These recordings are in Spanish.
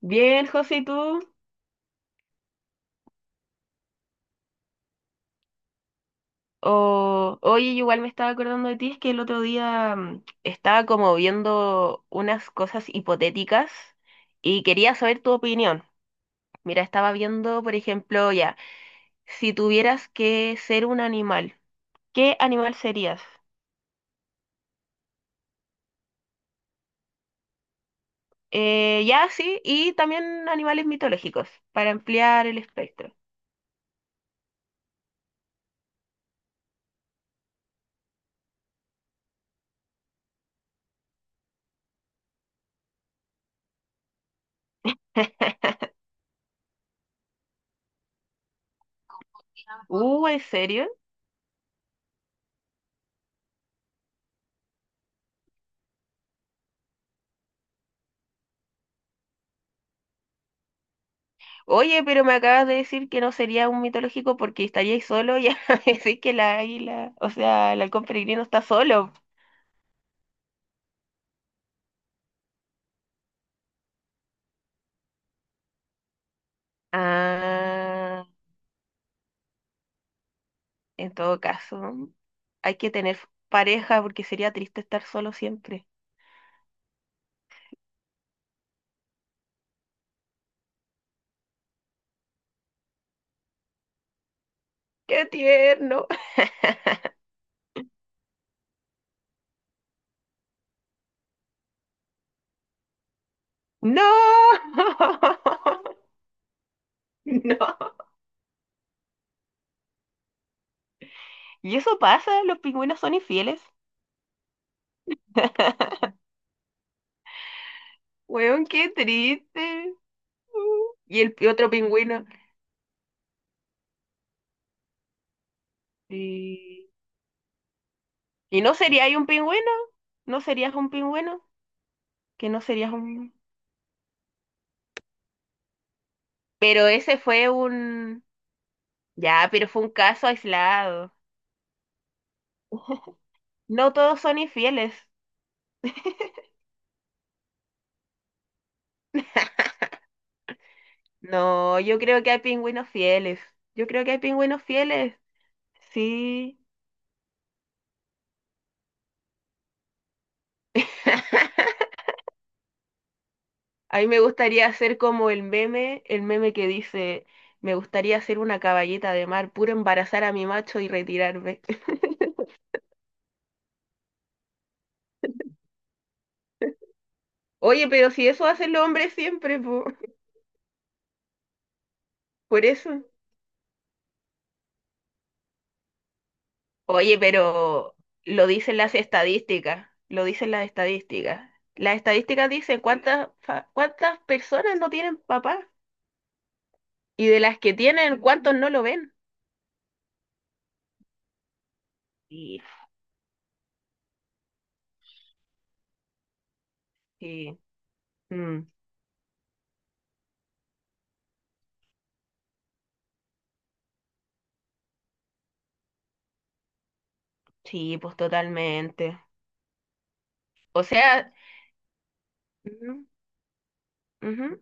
Bien, José, ¿y tú? Oye, yo igual me estaba acordando de ti, es que el otro día estaba como viendo unas cosas hipotéticas y quería saber tu opinión. Mira, estaba viendo, por ejemplo, ya, si tuvieras que ser un animal, ¿qué animal serías? Ya, sí, y también animales mitológicos, para ampliar el espectro. ¿En serio? Oye, pero me acabas de decir que no sería un mitológico porque estaríais solo y ahora me decís que la águila, o sea, el halcón peregrino está solo. Ah, en todo caso, hay que tener pareja porque sería triste estar solo siempre. ¡Qué tierno! ¡No! ¡No! ¿Y eso pasa? ¿Los pingüinos son infieles? Weón, qué triste. Y el otro pingüino. Sí. ¿Y no sería ahí un pingüino? ¿No serías un pingüino? Que no serías un... Pero ese fue un... Ya, pero fue un caso aislado. No todos son infieles. No, yo creo que hay pingüinos fieles. Yo creo que hay pingüinos fieles. Sí. A mí me gustaría hacer como el meme que dice, me gustaría ser una caballeta de mar, puro embarazar a mi macho y retirarme. Oye, pero si eso hacen los hombres siempre, po, por eso. Oye, pero lo dicen las estadísticas, lo dicen las estadísticas. Las estadísticas dicen cuántas, cuántas personas no tienen papá y de las que tienen, cuántos no lo ven. Sí, sí, mm, sí, pues totalmente. O sea, ujú, ujú,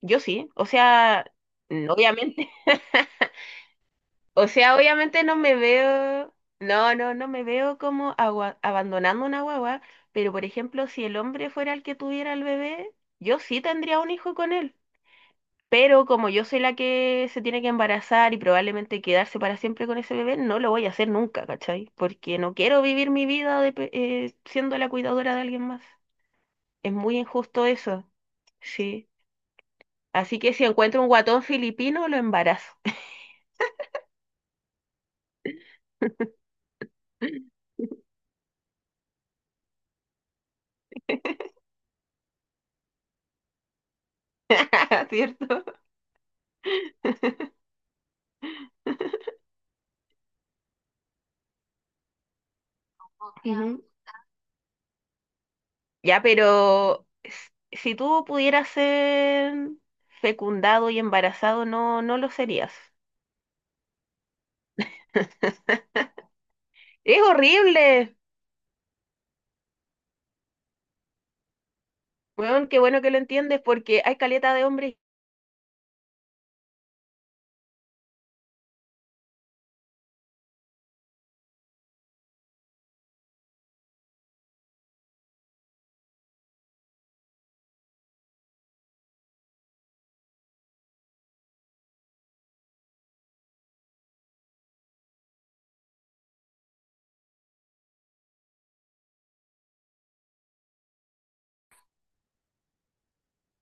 yo sí, o sea, obviamente. O sea, obviamente no me veo, no me veo como abandonando una guagua, pero por ejemplo, si el hombre fuera el que tuviera el bebé, yo sí tendría un hijo con él. Pero como yo soy la que se tiene que embarazar y probablemente quedarse para siempre con ese bebé, no lo voy a hacer nunca, ¿cachai? Porque no quiero vivir mi vida de siendo la cuidadora de alguien más. Es muy injusto eso, sí. Así que si encuentro un guatón filipino, lo embarazo. ¿Cierto? Ujú. Ya, pero si tú pudieras ser fecundado y embarazado, no lo serías. Es horrible. Bueno, qué bueno que lo entiendes porque hay caleta de hombres.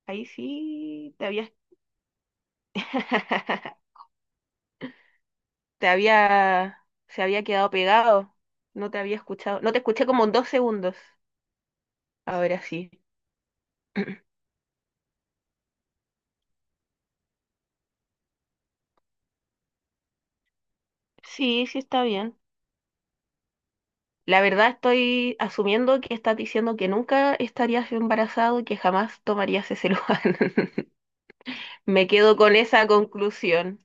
Ahí sí te había, te había, se había quedado pegado. No te había escuchado. No te escuché como en 2 segundos. Ahora sí. Sí, sí está bien. La verdad estoy asumiendo que estás diciendo que nunca estarías embarazado y que jamás tomarías ese lugar. Me quedo con esa conclusión.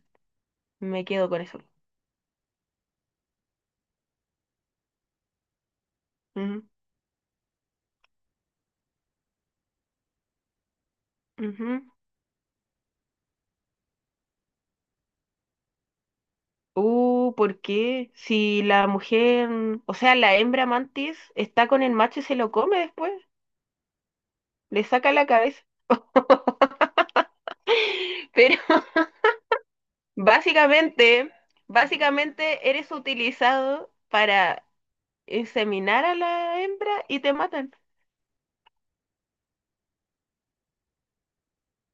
Me quedo con eso. Ujú, ujú. ¿Por qué? Si la mujer, o sea, la hembra mantis está con el macho y se lo come después, le saca la cabeza. Pero básicamente, básicamente eres utilizado para inseminar a la hembra y te matan.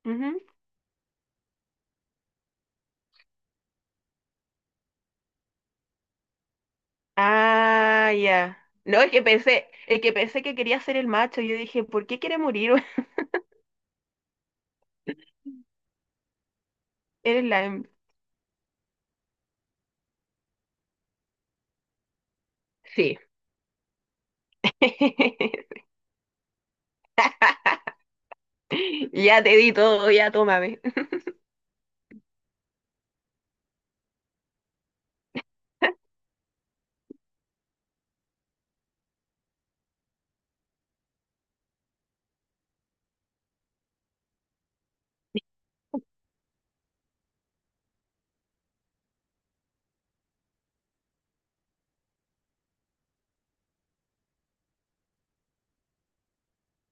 Ujú. Ah, ya. No, es que pensé que quería ser el macho. Yo dije, ¿por qué quiere morir? Eres la hembra. Sí. Ya te di todo, ya tómame.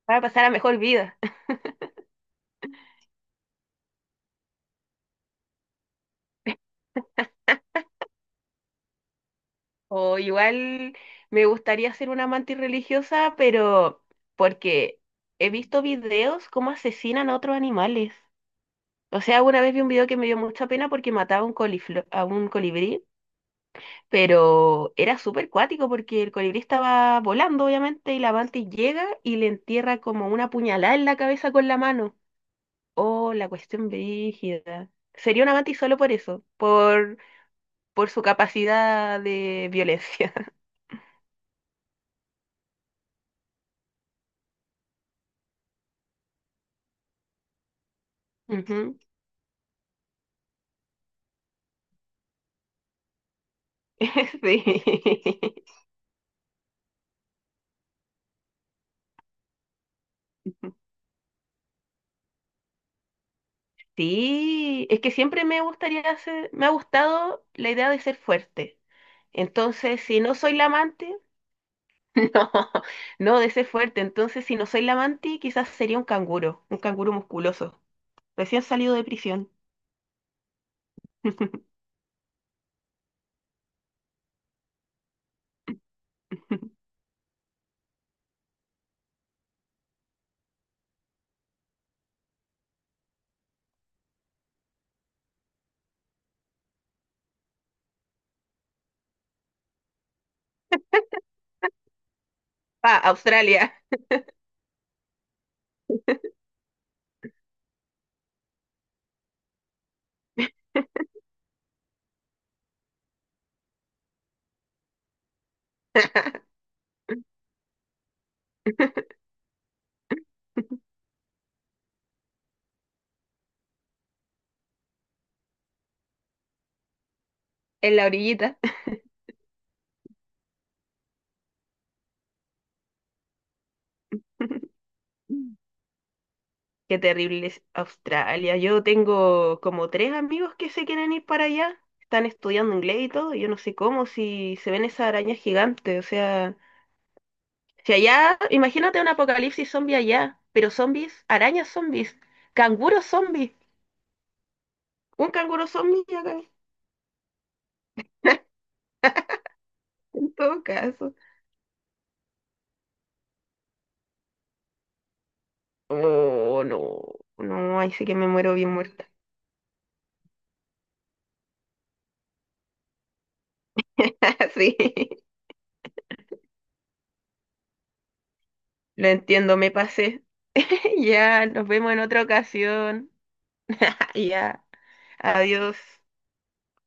Para pasar a mejor vida. O igual me gustaría ser una amante religiosa, pero porque he visto videos cómo asesinan a otros animales. O sea, una vez vi un video que me dio mucha pena porque mataba a un a un colibrí, pero era súper cuático porque el colibrí estaba volando, obviamente, y la amante llega y le entierra como una puñalada en la cabeza con la mano. Oh, la cuestión brígida. Sería un amante y solo por eso, por su capacidad de violencia. Ujú. Sí. Sí, es que siempre me gustaría hacer, me ha gustado la idea de ser fuerte. Entonces, si no soy la amante, no, no, de ser fuerte. Entonces, si no soy la amante, quizás sería un canguro musculoso, recién salido de prisión. Pa, Australia, en la orillita. Qué terrible es Australia. Yo tengo como 3 amigos que se quieren ir para allá. Están estudiando inglés y todo. Y yo no sé cómo, si se ven esas arañas gigantes. O sea, si allá, imagínate un apocalipsis zombie allá, pero zombies, arañas zombies, canguros zombies. Un canguro zombie ya acá, en todo caso. Oh, no. No, ahí sí que me muero bien muerta. Sí, lo entiendo, me pasé. Ya, nos vemos en otra ocasión. Ya, adiós.